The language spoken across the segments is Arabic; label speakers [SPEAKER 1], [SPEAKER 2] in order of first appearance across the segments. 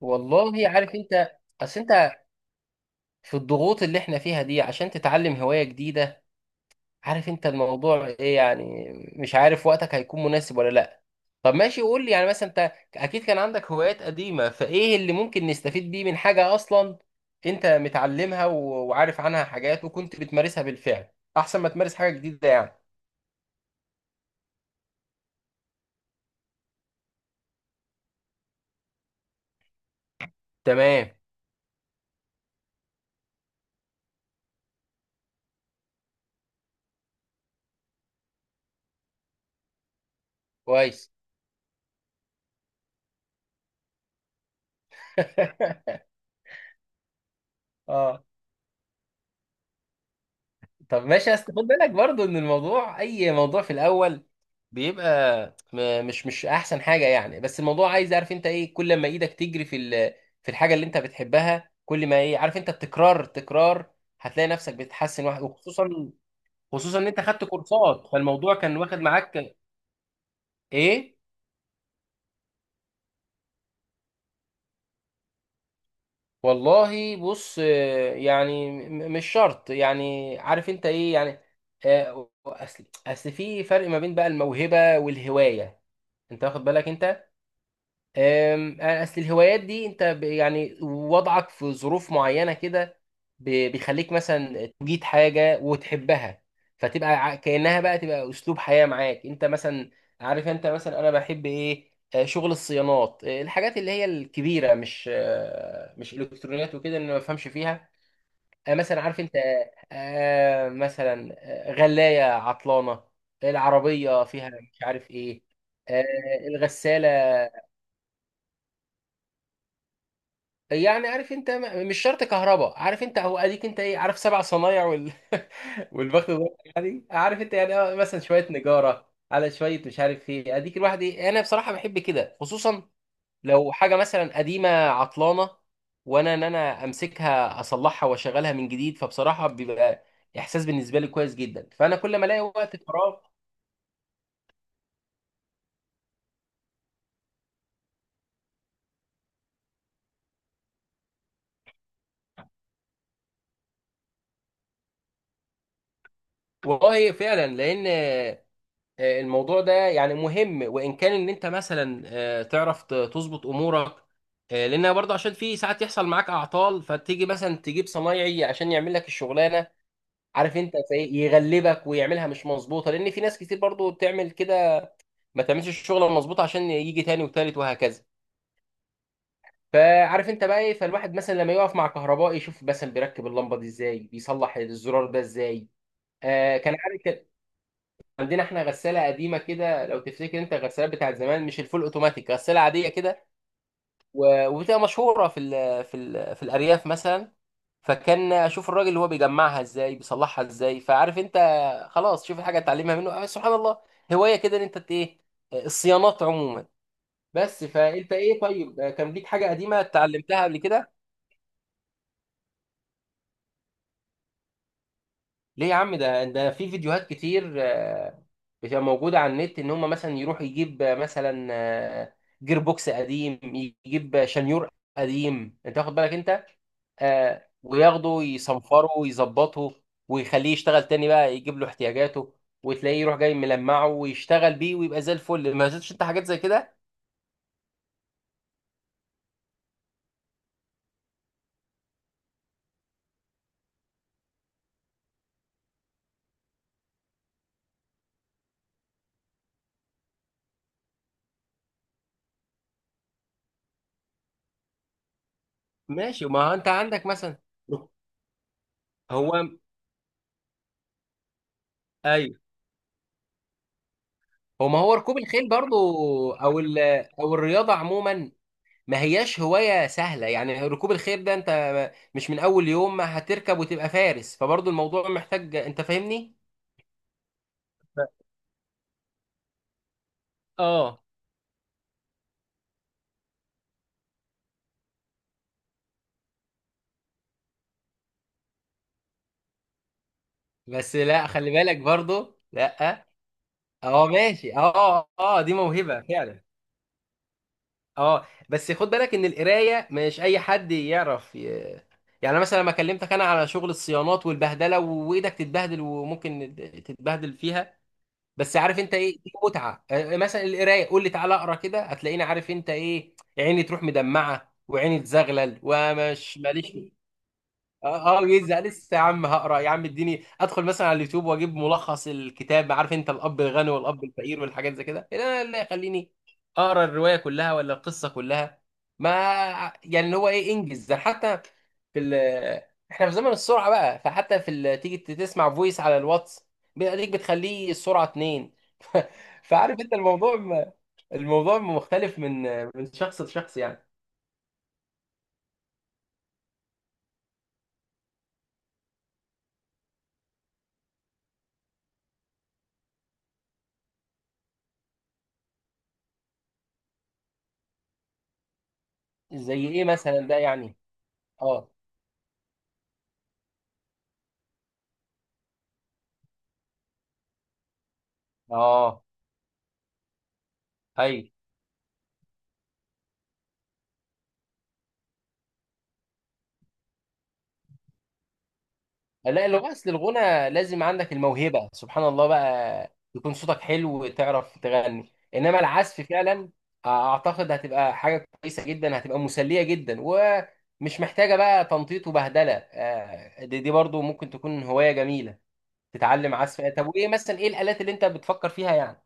[SPEAKER 1] والله عارف انت. اصل انت في الضغوط اللي احنا فيها دي، عشان تتعلم هواية جديدة، عارف انت الموضوع ايه، يعني مش عارف وقتك هيكون مناسب ولا لا. طب ماشي، قول لي يعني، مثلا انت اكيد كان عندك هوايات قديمة، فايه اللي ممكن نستفيد بيه من حاجة اصلا انت متعلمها وعارف عنها حاجات وكنت بتمارسها بالفعل، احسن ما تمارس حاجة جديدة يعني. تمام. كويس. اه. طب ماشي، بس خد بالك برضو ان الموضوع، اي موضوع في الاول بيبقى مش احسن حاجه يعني، بس الموضوع عايز، عارف انت ايه، كل ما ايدك تجري في في الحاجه اللي انت بتحبها، كل ما ايه، عارف انت، التكرار التكرار، هتلاقي نفسك بتتحسن واحد، وخصوصا، خصوصا ان انت خدت كورسات، فالموضوع كان واخد معاك ايه. والله بص. يعني مش شرط، يعني عارف انت ايه يعني. اصل في فرق ما بين بقى الموهبه والهوايه، انت واخد بالك انت؟ اصل الهوايات دي انت يعني وضعك في ظروف معينه كده بيخليك مثلا تجيد حاجه وتحبها، فتبقى كانها بقى تبقى اسلوب حياه معاك انت مثلا. عارف انت مثلا، انا بحب ايه، شغل الصيانات، الحاجات اللي هي الكبيره، مش مش الكترونيات وكده اللي أنا ما بفهمش فيها. مثلا عارف انت، مثلا غلايه عطلانه، العربيه فيها مش عارف ايه، آه، الغساله. يعني عارف انت مش شرط كهرباء، عارف انت، اهو اديك انت ايه، عارف، سبع صنايع وال... والبخت ده، يعني عارف انت، يعني اه مثلا شويه نجاره على شويه مش عارف ايه، اديك الواحد ايه، انا بصراحه بحب كده، خصوصا لو حاجه مثلا قديمه عطلانه، وانا ان انا امسكها اصلحها واشغلها من جديد، فبصراحه بيبقى احساس بالنسبه لي كويس جدا، فانا كل ما الاقي وقت فراغ. والله فعلا، لان الموضوع ده يعني مهم، وان كان ان انت مثلا تعرف تظبط امورك، لان برضه عشان في ساعات يحصل معاك اعطال، فتيجي مثلا تجيب صنايعي عشان يعمل لك الشغلانه، عارف انت، زي يغلبك ويعملها مش مظبوطه، لان في ناس كتير برضه بتعمل كده، ما تعملش الشغله المظبوطه عشان يجي تاني وتالت وهكذا، فعارف انت بقى ايه، فالواحد مثلا لما يقف مع كهربائي يشوف مثلا بيركب اللمبه دي ازاي، بيصلح الزرار ده ازاي. آه كان عارف. عندنا احنا غساله قديمه كده، لو تفتكر انت الغسالات بتاعت زمان، مش الفول اوتوماتيك، غساله عاديه كده، وبتبقى مشهوره في الارياف مثلا، فكان اشوف الراجل اللي هو بيجمعها ازاي بيصلحها ازاي، فعارف انت، خلاص شوف الحاجه اتعلمها منه. آه سبحان الله، هوايه كده ان انت ايه، الصيانات عموما. بس فانت ايه، طيب كان ليك حاجه قديمه اتعلمتها قبل كده؟ ليه يا عم، ده في فيديوهات كتير، بتبقى موجودة على النت، إن هم مثلا يروح يجيب مثلا جير بوكس قديم، يجيب شنيور قديم، أنت واخد بالك أنت، وياخده يصنفره ويظبطه، ويخليه يشتغل تاني بقى، يجيب له احتياجاته، وتلاقيه يروح جاي ملمعه ويشتغل بيه ويبقى زي الفل. ما شفتش انت حاجات زي كده؟ ماشي، ما هو انت عندك مثلا. هو. ايوه. هو ما هو ركوب الخيل برضو، او ال...، او الرياضه عموما، ما هياش هواية سهلة، يعني ركوب الخيل ده انت مش من اول يوم ما هتركب وتبقى فارس، فبرضه الموضوع محتاج، انت فاهمني. اه، بس لا، خلي بالك برضه، لا. اه ماشي، اه اه، دي موهبة فعلا. اه، بس خد بالك ان القراية مش اي حد يعرف ي...، يعني مثلا لما كلمتك انا على شغل الصيانات والبهدلة، وايدك تتبهدل وممكن تتبهدل فيها، بس عارف انت ايه، دي متعه. مثلا القرايه، قول لي تعالى اقرا كده، هتلاقيني، عارف انت ايه، عيني تروح مدمعه وعيني تزغلل ومش ماليش. اه، يزهق لسه يا عم، هقرا يا عم، اديني ادخل مثلا على اليوتيوب واجيب ملخص الكتاب، عارف انت، الاب الغني والاب الفقير والحاجات زي كده. لا لا، يخليني اقرا الروايه كلها ولا القصه كلها، ما، يعني اللي هو ايه، انجز ده حتى في ال، احنا في زمن السرعه بقى، فحتى في ال... تيجي تسمع فويس على الواتس بيديك بتخليه السرعه اتنين. فعارف انت الموضوع الموضوع مختلف من شخص لشخص يعني. زي ايه مثلا ده يعني. اه اه. ايوه. لا، اللغة أصل الغنى لازم عندك الموهبة، سبحان الله بقى، يكون صوتك حلو وتعرف تغني، إنما العزف فعلا أعتقد هتبقى حاجة كويسة جدا، هتبقى مسلية جدا ومش محتاجة بقى تنطيط وبهدلة، دي برضو ممكن تكون هواية جميلة، تتعلم عزف. طب وإيه مثلا، إيه الآلات اللي أنت بتفكر فيها يعني؟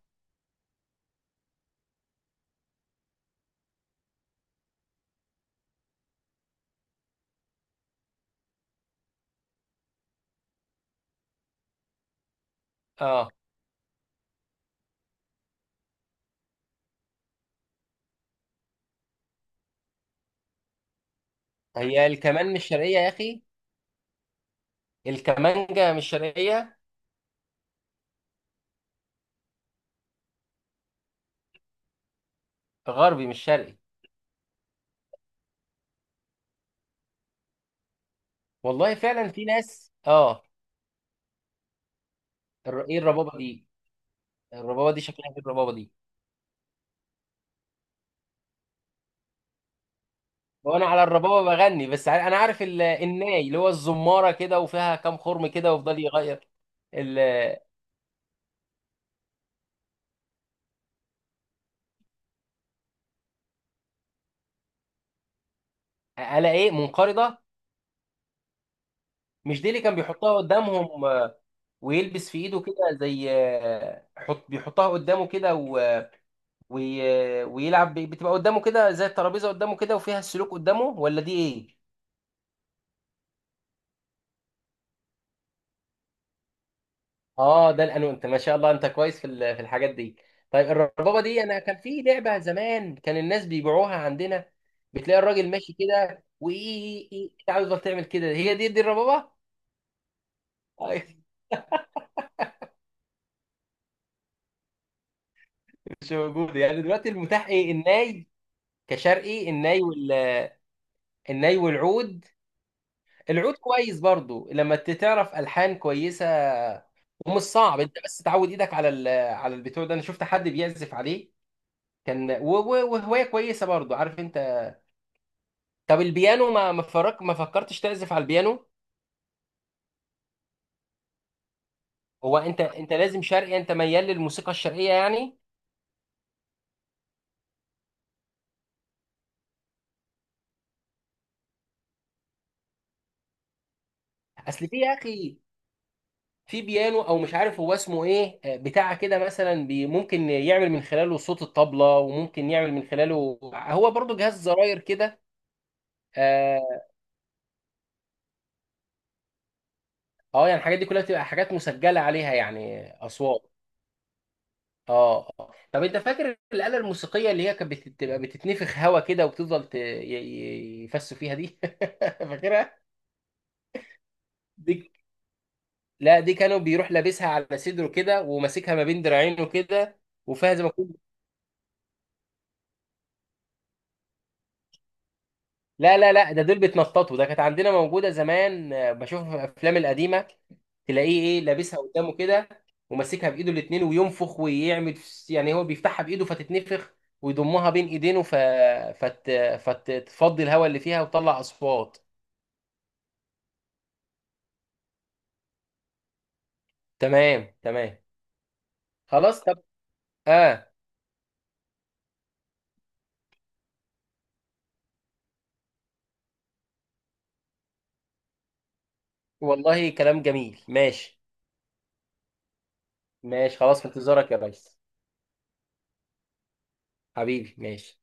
[SPEAKER 1] آه. هي الكمان مش شرقية يا أخي، الكمانجة مش شرقية. غربي مش شرقي. والله فعلا، في ناس آه. إيه الربابة دي؟ الربابه دي شكلها ايه الربابه دي؟ وانا على الربابه بغني، بس انا عارف الناي اللي هو الزماره كده وفيها كام خرم كده ويفضل يغير ال- على ايه منقرضه؟ مش دي اللي كان بيحطها قدامهم، ويلبس في ايده كده زي، حط بيحطها قدامه كده ويلعب بتبقى قدامه كده زي الترابيزه قدامه كده وفيها السلوك قدامه، ولا دي ايه؟ اه ده الانو، انت ما شاء الله، انت كويس في في الحاجات دي. طيب الربابه دي، انا كان في لعبه زمان كان الناس بيبيعوها عندنا، بتلاقي الراجل ماشي كده وايه، إيه، انت عاوز، بس تعمل كده، هي دي الربابه. طيب. مش موجوده يعني دلوقتي؟ المتاح ايه، الناي؟ كشرقي الناي وال، الناي والعود. العود كويس برضو لما تعرف الحان كويسه، ومش صعب، انت بس تعود ايدك على ال...، على البتوع ده، انا شفت حد بيعزف عليه، كان وهوايه كويسه برضو عارف انت. طب البيانو، ما فرق، ما فكرتش تعزف على البيانو؟ هو انت لازم شرقي، انت ميال للموسيقى الشرقيه يعني. اصل في يا اخي، في بيانو او مش عارف هو اسمه ايه، بتاع كده مثلا، بي ممكن يعمل من خلاله صوت الطبله، وممكن يعمل من خلاله هو برضو جهاز زراير كده. اه، يعني الحاجات دي كلها بتبقى حاجات مسجله عليها يعني اصوات. اه آه. طب انت فاكر الآلة الموسيقية اللي هي كانت بتبقى بتتنفخ هوا كده، وبتفضل يفسوا فيها دي؟ فاكرها؟ دي، لا، دي كانوا بيروح لابسها على صدره كده، وماسكها ما بين دراعينه كده، وفيها زي ما كنت. لا لا لا، ده دول بيتنططوا، ده كانت عندنا موجودة زمان، بشوفها في الأفلام القديمة، تلاقيه ايه لابسها قدامه كده، وماسكها بإيده الاتنين وينفخ ويعمل يعني هو بيفتحها بإيده فتتنفخ، ويضمها بين إيدينه فت... فتفضي الهواء اللي فيها وتطلع أصوات. تمام تمام. خلاص طب. آه. والله كلام جميل، ماشي. ماشي خلاص، في انتظارك يا ريس. حبيبي، ماشي.